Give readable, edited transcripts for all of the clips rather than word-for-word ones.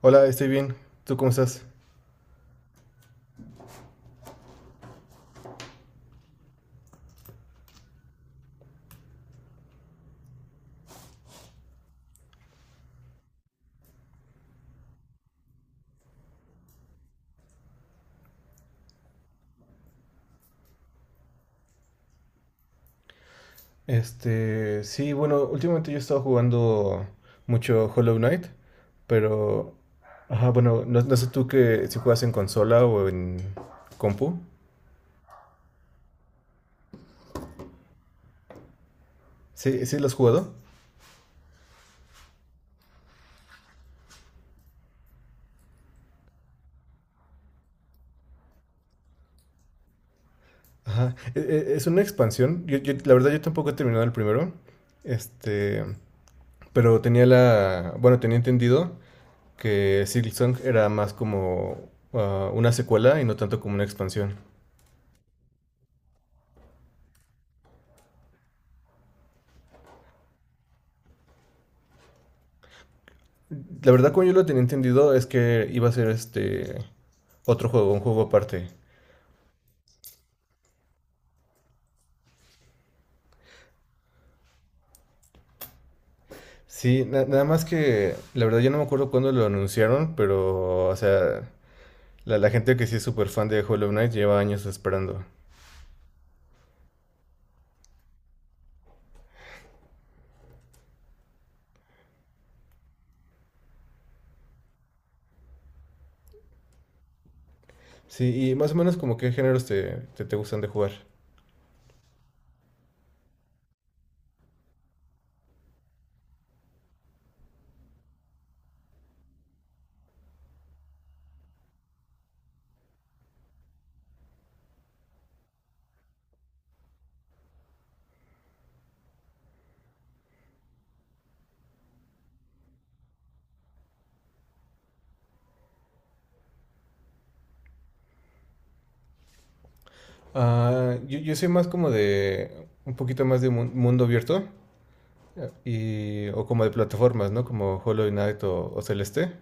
Hola, estoy bien. ¿Tú cómo estás? Sí, bueno, últimamente yo he estado jugando mucho Hollow Knight, pero, ajá, bueno, no, no sé tú que si juegas en consola o en compu. Sí, sí lo has jugado. Ajá, es una expansión. La verdad yo tampoco he terminado el primero. Este, pero tenía la, bueno, tenía entendido que Silksong era más como una secuela y no tanto como una expansión. La verdad, como yo lo tenía entendido, es que iba a ser otro juego, un juego aparte. Sí, nada más que la verdad yo no me acuerdo cuándo lo anunciaron, pero o sea, la gente que sí es súper fan de Hollow Knight lleva años esperando. Sí, y más o menos como qué géneros te gustan de jugar. Ah, yo soy más como de un poquito más de mundo abierto y, o como de plataformas, ¿no? Como Hollow Knight o Celeste.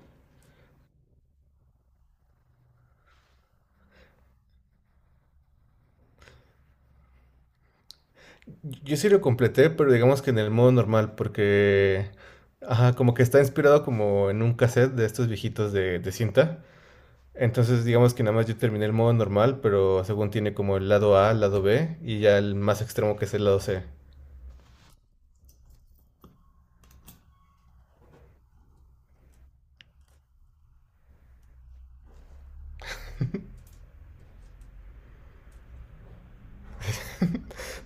Yo sí lo completé, pero digamos que en el modo normal, porque ajá, como que está inspirado como en un cassette de estos viejitos de cinta. Entonces, digamos que nada más yo terminé el modo normal, pero según tiene como el lado A, el lado B y ya el más extremo que es el lado C.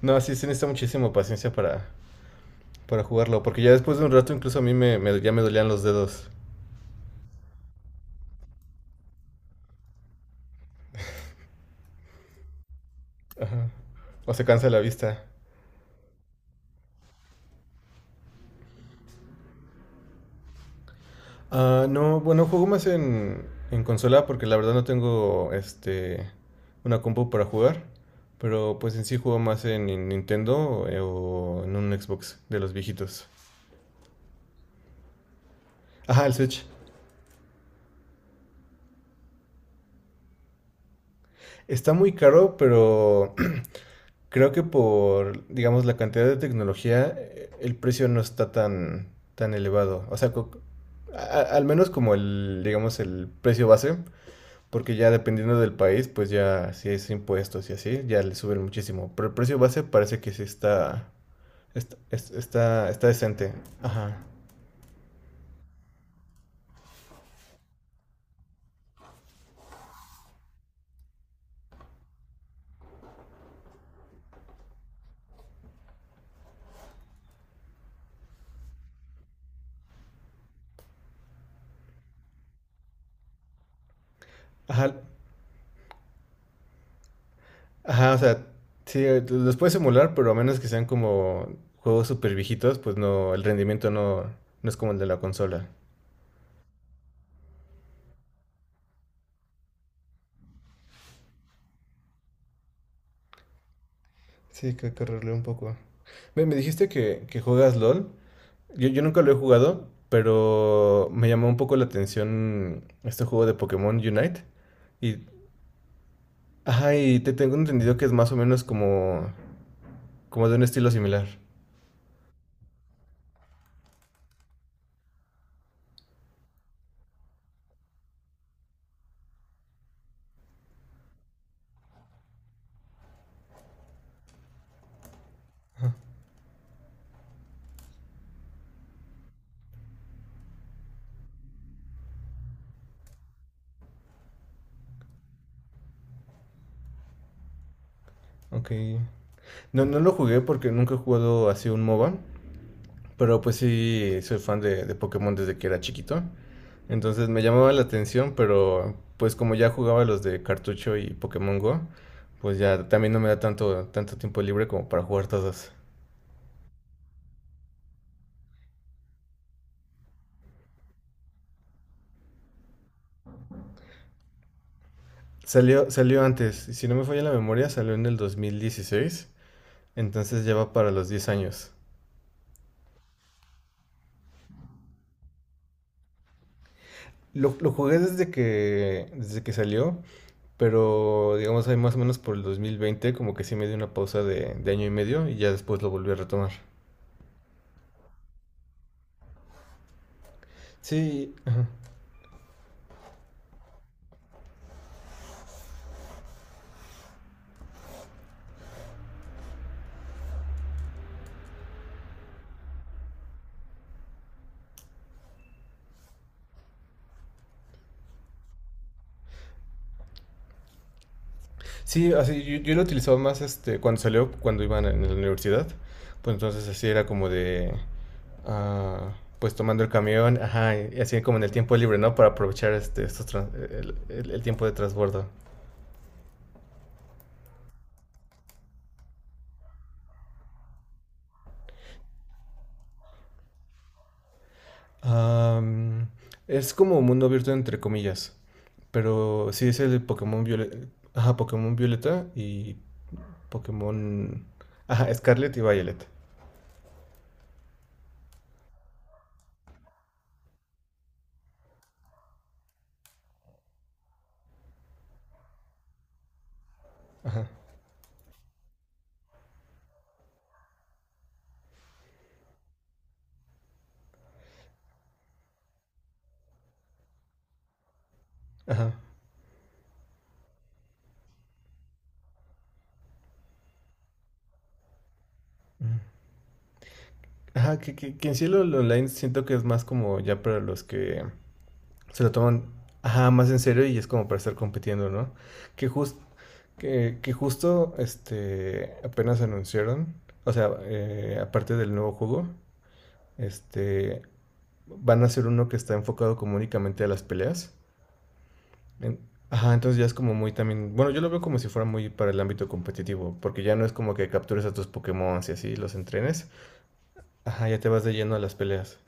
No, sí se necesita muchísima paciencia para jugarlo, porque ya después de un rato incluso a mí ya me dolían los dedos o se cansa la vista. Ah, no, bueno, juego más en consola porque la verdad no tengo una compu para jugar, pero pues en sí juego más en Nintendo o en un Xbox de los viejitos. Ajá, el Switch. Está muy caro, pero creo que por, digamos, la cantidad de tecnología, el precio no está tan, tan elevado. O sea, al menos como el, digamos, el precio base. Porque ya dependiendo del país, pues ya si es impuestos y así, ya le suben muchísimo. Pero el precio base parece que sí está decente. Ajá. Ajá. Ajá, o sea, sí, los puedes emular, pero a menos que sean como juegos súper viejitos, pues no, el rendimiento no es como el de la consola. Sí, que hay que correrle un poco. Me dijiste que juegas LOL. Yo nunca lo he jugado, pero me llamó un poco la atención este juego de Pokémon Unite. Y ajá, y te tengo entendido que es más o menos como, como de un estilo similar. Ok. No, no lo jugué porque nunca he jugado así un MOBA, pero pues sí soy fan de Pokémon desde que era chiquito. Entonces me llamaba la atención, pero pues como ya jugaba los de cartucho y Pokémon Go, pues ya también no me da tanto tiempo libre como para jugar todos. Salió, salió antes, si no me falla la memoria, salió en el 2016, entonces ya va para los 10 años. Lo jugué desde que salió, pero digamos ahí más o menos por el 2020 como que sí me dio una pausa de 1 año y medio y ya después lo volví a retomar. Sí, ajá. Sí, así yo lo utilizaba más cuando salió, cuando iban en la universidad, pues entonces así era como de ah, pues tomando el camión, ajá, y así como en el tiempo libre, ¿no? Para aprovechar estos el tiempo de transbordo. Am, es como mundo abierto entre comillas, pero sí es el Pokémon Violeta, ajá, Pokémon Violeta y Pokémon, ajá, Scarlet y Violet, ajá, ajá, mm. Ajá, que en sí lo online siento que es más como ya para los que se lo toman, ajá, más en serio y es como para estar compitiendo, ¿no? Que justo que justo apenas anunciaron, o sea, aparte del nuevo juego, este van a hacer uno que está enfocado como únicamente a las peleas. En- Ajá, entonces ya es como muy también, bueno, yo lo veo como si fuera muy para el ámbito competitivo, porque ya no es como que captures a tus Pokémon y así los entrenes. Ajá, ya te vas de lleno a las peleas.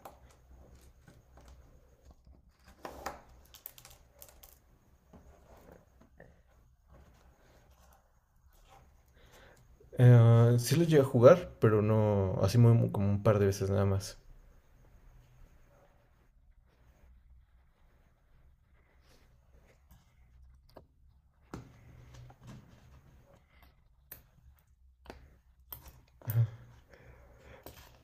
Sí lo llegué a jugar, pero no, así como un par de veces nada más.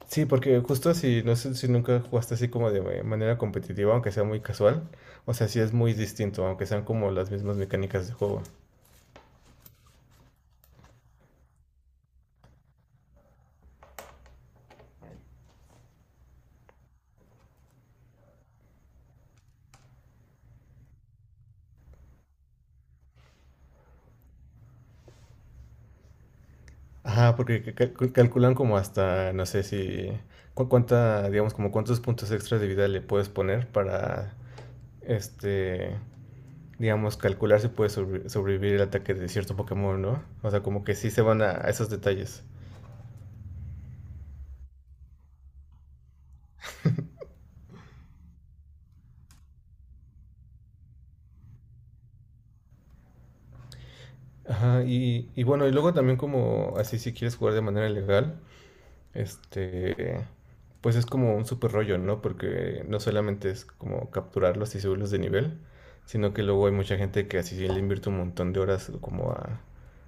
Sí, porque justo si, no sé si nunca jugaste así como de manera competitiva, aunque sea muy casual, o sea, sí es muy distinto, aunque sean como las mismas mecánicas de juego. Ajá, porque calculan como hasta, no sé si, cuánta, digamos, como cuántos puntos extras de vida le puedes poner para, este, digamos, calcular si puedes sobrevivir el ataque de cierto Pokémon, ¿no? O sea, como que sí se van a esos detalles. Ajá, y bueno, y luego también como así si quieres jugar de manera legal, Este, pues es como un super rollo, ¿no? Porque no solamente es como capturarlos y subirlos de nivel, sino que luego hay mucha gente que así le invierte un montón de horas como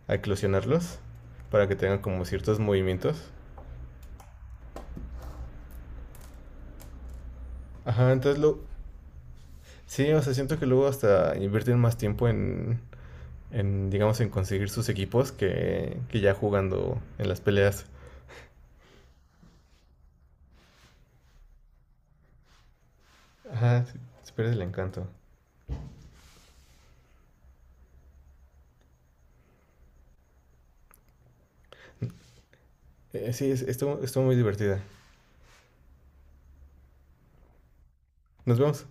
a eclosionarlos para que tengan como ciertos movimientos. Ajá, entonces lo... Sí, o sea, siento que luego hasta invierten más tiempo en digamos, en conseguir sus equipos que ya jugando en las peleas. Ajá, sí, se pierde el encanto. Sí, estuvo, estuvo muy divertida. Nos vemos.